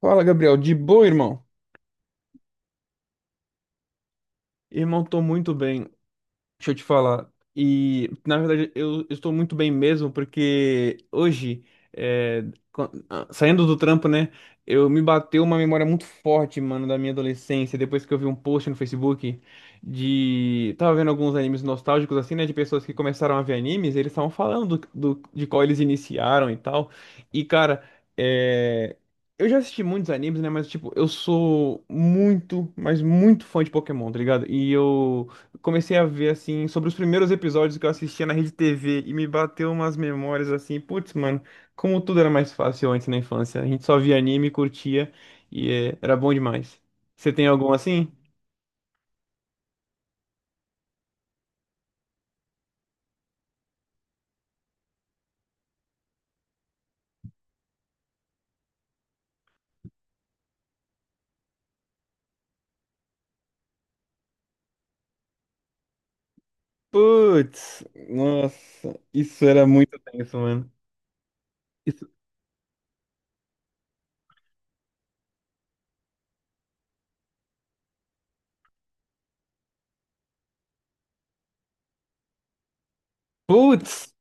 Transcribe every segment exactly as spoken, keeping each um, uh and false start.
Fala, Gabriel. De boa, irmão? Irmão, tô muito bem. Deixa eu te falar. E, na verdade, eu estou muito bem mesmo, porque hoje, é, quan- ah, saindo do trampo, né, eu me bateu uma memória muito forte, mano, da minha adolescência, depois que eu vi um post no Facebook de... Tava vendo alguns animes nostálgicos, assim, né, de pessoas que começaram a ver animes, eles estavam falando do, do- de qual eles iniciaram e tal. E, cara, é... Eu já assisti muitos animes, né? Mas, tipo, eu sou muito, mas muito fã de Pokémon, tá ligado? E eu comecei a ver, assim, sobre os primeiros episódios que eu assistia na Rede T V e me bateu umas memórias assim, putz, mano, como tudo era mais fácil antes na infância. A gente só via anime, curtia e é, era bom demais. Você tem algum assim? Putz, nossa, isso era muito tenso, mano. Isso, putz,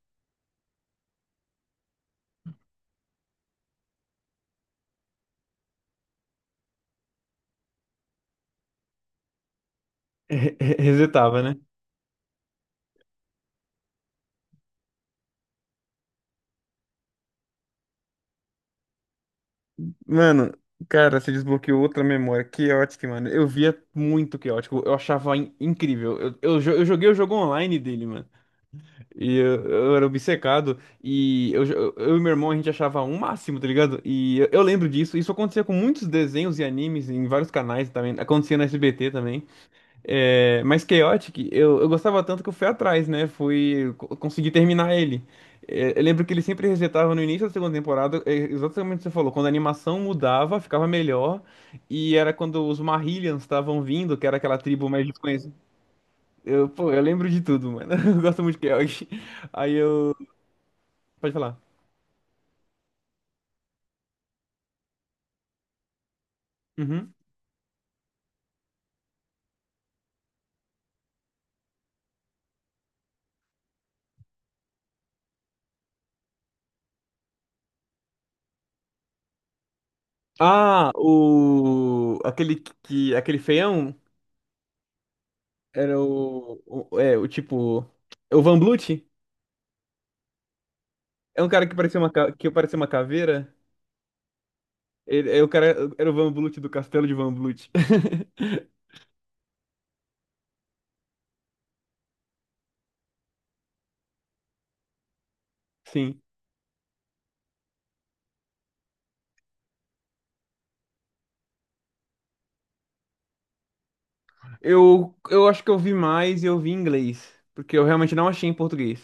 re- re- resetava, né? Mano, cara, você desbloqueou outra memória. Chaotic, mano. Eu via muito Chaotic. Eu achava in- incrível. Eu, eu, jo- eu joguei o jogo online dele, mano. E eu, eu era obcecado. E eu, eu, eu e meu irmão, a gente achava um máximo, tá ligado? E eu, eu lembro disso. Isso acontecia com muitos desenhos e animes em vários canais também. Acontecia na S B T também. É, mas Chaotic, eu, eu gostava tanto que eu fui atrás, né? Fui co- consegui terminar ele. É, eu lembro que ele sempre resetava no início da segunda temporada, é, exatamente o que você falou, quando a animação mudava, ficava melhor, e era quando os Marillions estavam vindo, que era aquela tribo mais desconhecida. Eu, pô, eu lembro de tudo, mano. Eu gosto muito de Kelg. Aí eu. Pode falar. Uhum. Ah, o. Aquele que. Aquele feião era o. o- é, o tipo. É o Van Blut? É um cara que parecia uma, ca- que parecia uma caveira. Ele, é o cara, era o Van Blut do Castelo de Van Blut. Sim. Eu, eu acho que eu vi mais e eu vi em inglês. Porque eu realmente não achei em português.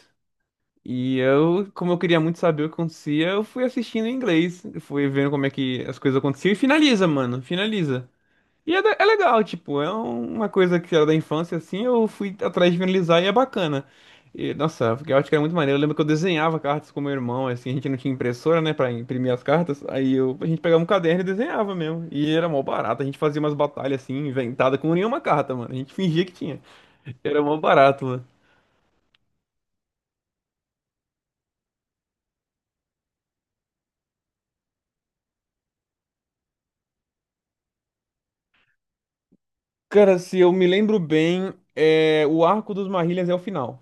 E eu, como eu queria muito saber o que acontecia, eu fui assistindo em inglês, fui vendo como é que as coisas aconteciam e finaliza, mano, finaliza. E é, da- é legal, tipo, é um- uma coisa que era da infância, assim, eu fui atrás de finalizar e é bacana. E, nossa, porque eu acho que era muito maneiro. Eu lembro que eu desenhava cartas com meu irmão, assim, a gente não tinha impressora, né, pra imprimir as cartas. Aí eu, a gente pegava um caderno e desenhava mesmo. E era mó barato, a gente fazia umas batalhas, assim, inventada com nenhuma carta, mano. A gente fingia que tinha. Era mó barato. Cara, se eu me lembro bem, é, o arco dos Marrilhas é o final.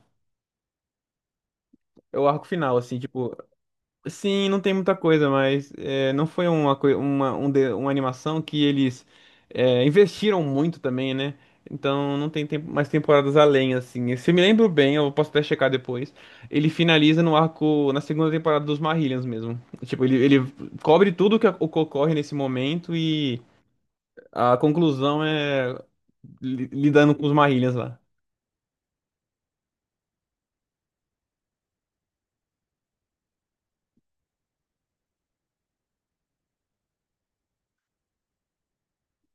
É o arco final, assim, tipo. Sim, não tem muita coisa, mas é, não foi uma, coi- uma, um de- uma animação que eles é, investiram muito também, né? Então não tem tempo- mais temporadas além, assim. Se eu me lembro bem, eu posso até checar depois. Ele finaliza no arco, na segunda temporada dos Marrillians mesmo. Tipo, ele, ele cobre tudo que o que ocorre nesse momento e a conclusão é li- lidando com os Marrillians lá.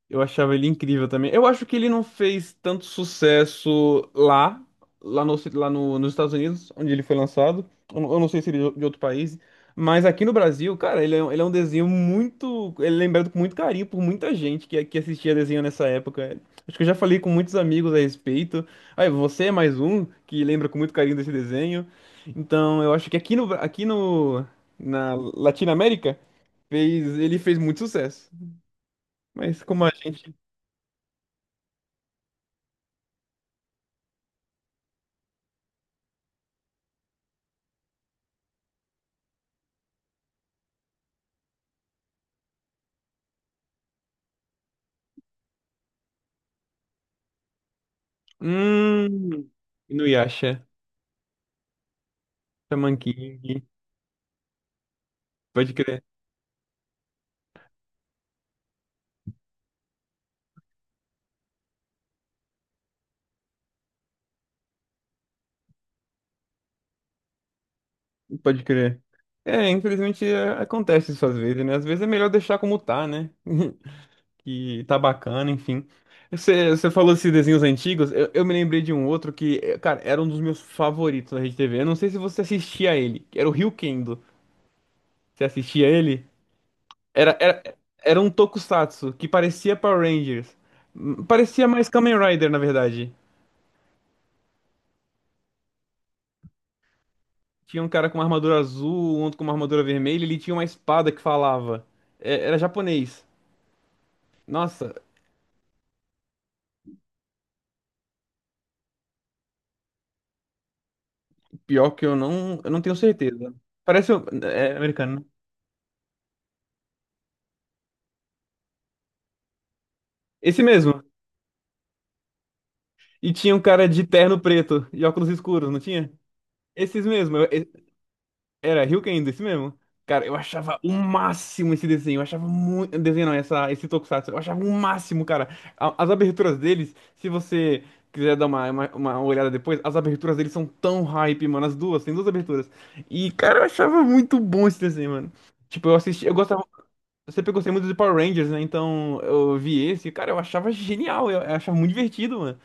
Eu achava ele incrível também. Eu acho que ele não fez tanto sucesso lá, lá, no, lá no- nos Estados Unidos, onde ele foi lançado. Eu, não eu não sei se ele é de outro país. Mas aqui no Brasil, cara, ele é, um- ele é um desenho muito. Ele é lembrado com muito carinho por muita gente que, que assistia desenho nessa época. Acho que eu já falei com muitos amigos a respeito. Aí, você é mais um que lembra com muito carinho desse desenho. Então, eu acho que aqui no, Bra- aqui no, na Latinoamérica, fez, ele fez muito sucesso. Mas como a gente. Hum, Inuyasha, Shaman King, pode crer, pode crer. É, infelizmente é, acontece isso às vezes, né? Às vezes é melhor deixar como tá, né? Que tá bacana, enfim. Você, você falou desses desenhos antigos, eu, eu me lembrei de um outro que, eh, cara, era um dos meus favoritos da Rede RedeTV. Eu não sei se você assistia a ele, que era o Ryukendo. Você assistia a ele? Era, era, era um tokusatsu que parecia Power Rangers. Hum, Parecia mais Kamen Rider, na verdade. Tinha um cara com uma armadura azul, um outro com uma armadura vermelha, ele tinha uma espada que falava. É, era japonês. Nossa, pior que eu não, eu não tenho certeza. Parece um- é, americano, né? Esse mesmo. E tinha um cara de terno preto e óculos escuros, não tinha? Esses mesmo. Era Ryuken, desse mesmo. Cara, eu achava o máximo esse desenho. Eu achava muito. Desenho não, essa, esse tokusatsu. Eu achava o máximo, cara. A- As aberturas deles, se você quiser dar uma, uma, uma olhada depois, as aberturas deles são tão hype, mano. As duas, tem duas aberturas. E, cara, eu achava muito bom esse desenho, mano. Tipo, eu assisti, eu gostava. Eu sempre gostei muito de Power Rangers, né? Então eu vi esse, cara, eu achava genial. Eu, eu achava muito divertido, mano.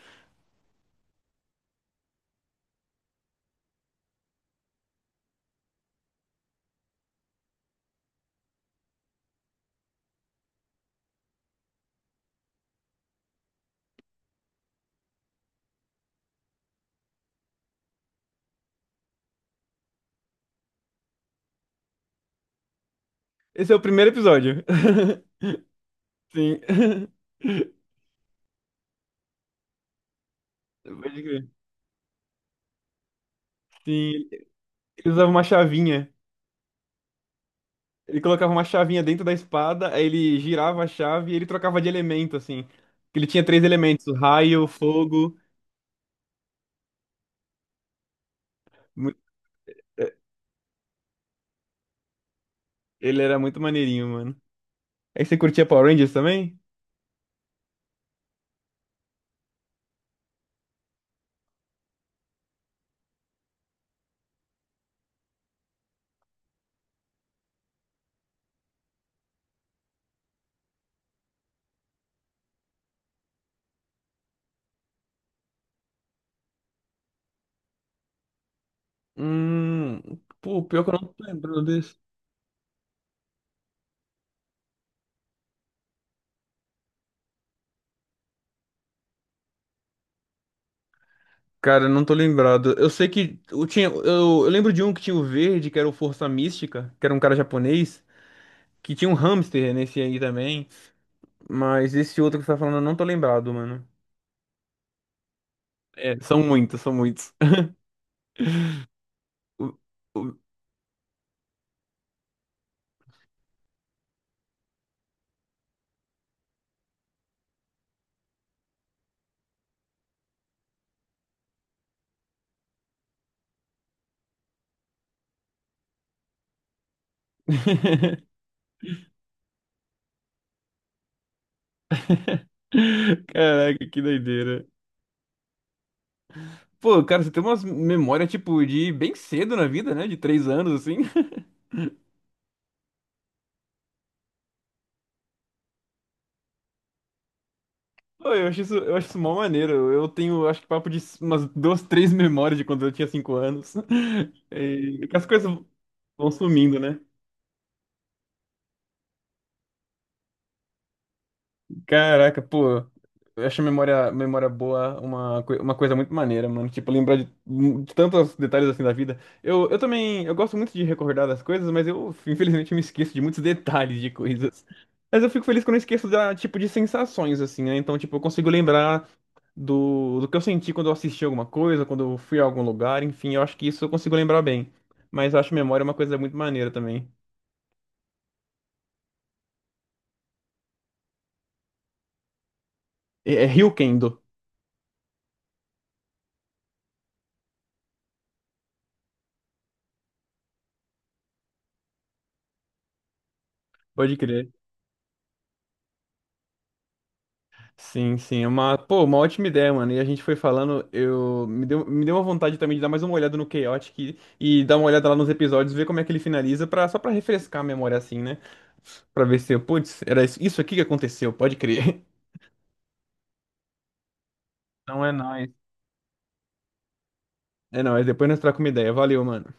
Esse é o primeiro episódio. Sim. Pode crer. Sim, ele usava uma chavinha. Ele colocava uma chavinha dentro da espada, aí ele girava a chave e ele trocava de elemento, assim. Que ele tinha três elementos, raio, fogo. mu- é, Ele era muito maneirinho, mano. Aí você curtia Power Rangers também? Hum, pô, pior que eu não tô lembrando desse. Cara, não tô lembrado. Eu sei que eu tinha, eu, eu lembro de um que tinha o verde, que era o Força Mística, que era um cara japonês, que tinha um hamster nesse aí também. Mas esse outro que você tá falando, eu não tô lembrado, mano. É, são muitos, são muitos. O- o- Caraca, que doideira. Pô, cara, você tem umas memórias, tipo, de bem cedo na vida, né? De três anos, assim. Pô, eu acho isso, eu acho isso mó maneiro. Eu tenho, acho que papo de umas duas, três memórias de quando eu tinha cinco anos. E que as coisas vão sumindo, né? Caraca, pô. Eu acho a memória, memória boa uma, coi- uma coisa muito maneira, mano. Tipo, lembrar de, de tantos detalhes assim da vida. Eu, eu também, eu gosto muito de recordar das coisas, mas eu, infelizmente, me esqueço de muitos detalhes de coisas. Mas eu fico feliz quando eu esqueço da, tipo, de sensações, assim, né? Então, tipo, eu consigo lembrar do, do que eu senti quando eu assisti alguma coisa, quando eu fui a algum lugar, enfim, eu acho que isso eu consigo lembrar bem. Mas eu acho memória uma coisa muito maneira também. É, é Ryukendo, pode crer. Sim, sim, é uma, pô, uma ótima ideia, mano. E a gente foi falando, eu me deu, me deu uma vontade também de dar mais uma olhada no Chaotic e, e dar uma olhada lá nos episódios, ver como é que ele finaliza, pra, só pra refrescar a memória assim, né? Pra ver se eu, putz, era isso isso aqui que aconteceu, pode crer. Não é nóis. É nóis, depois nós trocamos uma ideia. Valeu, mano.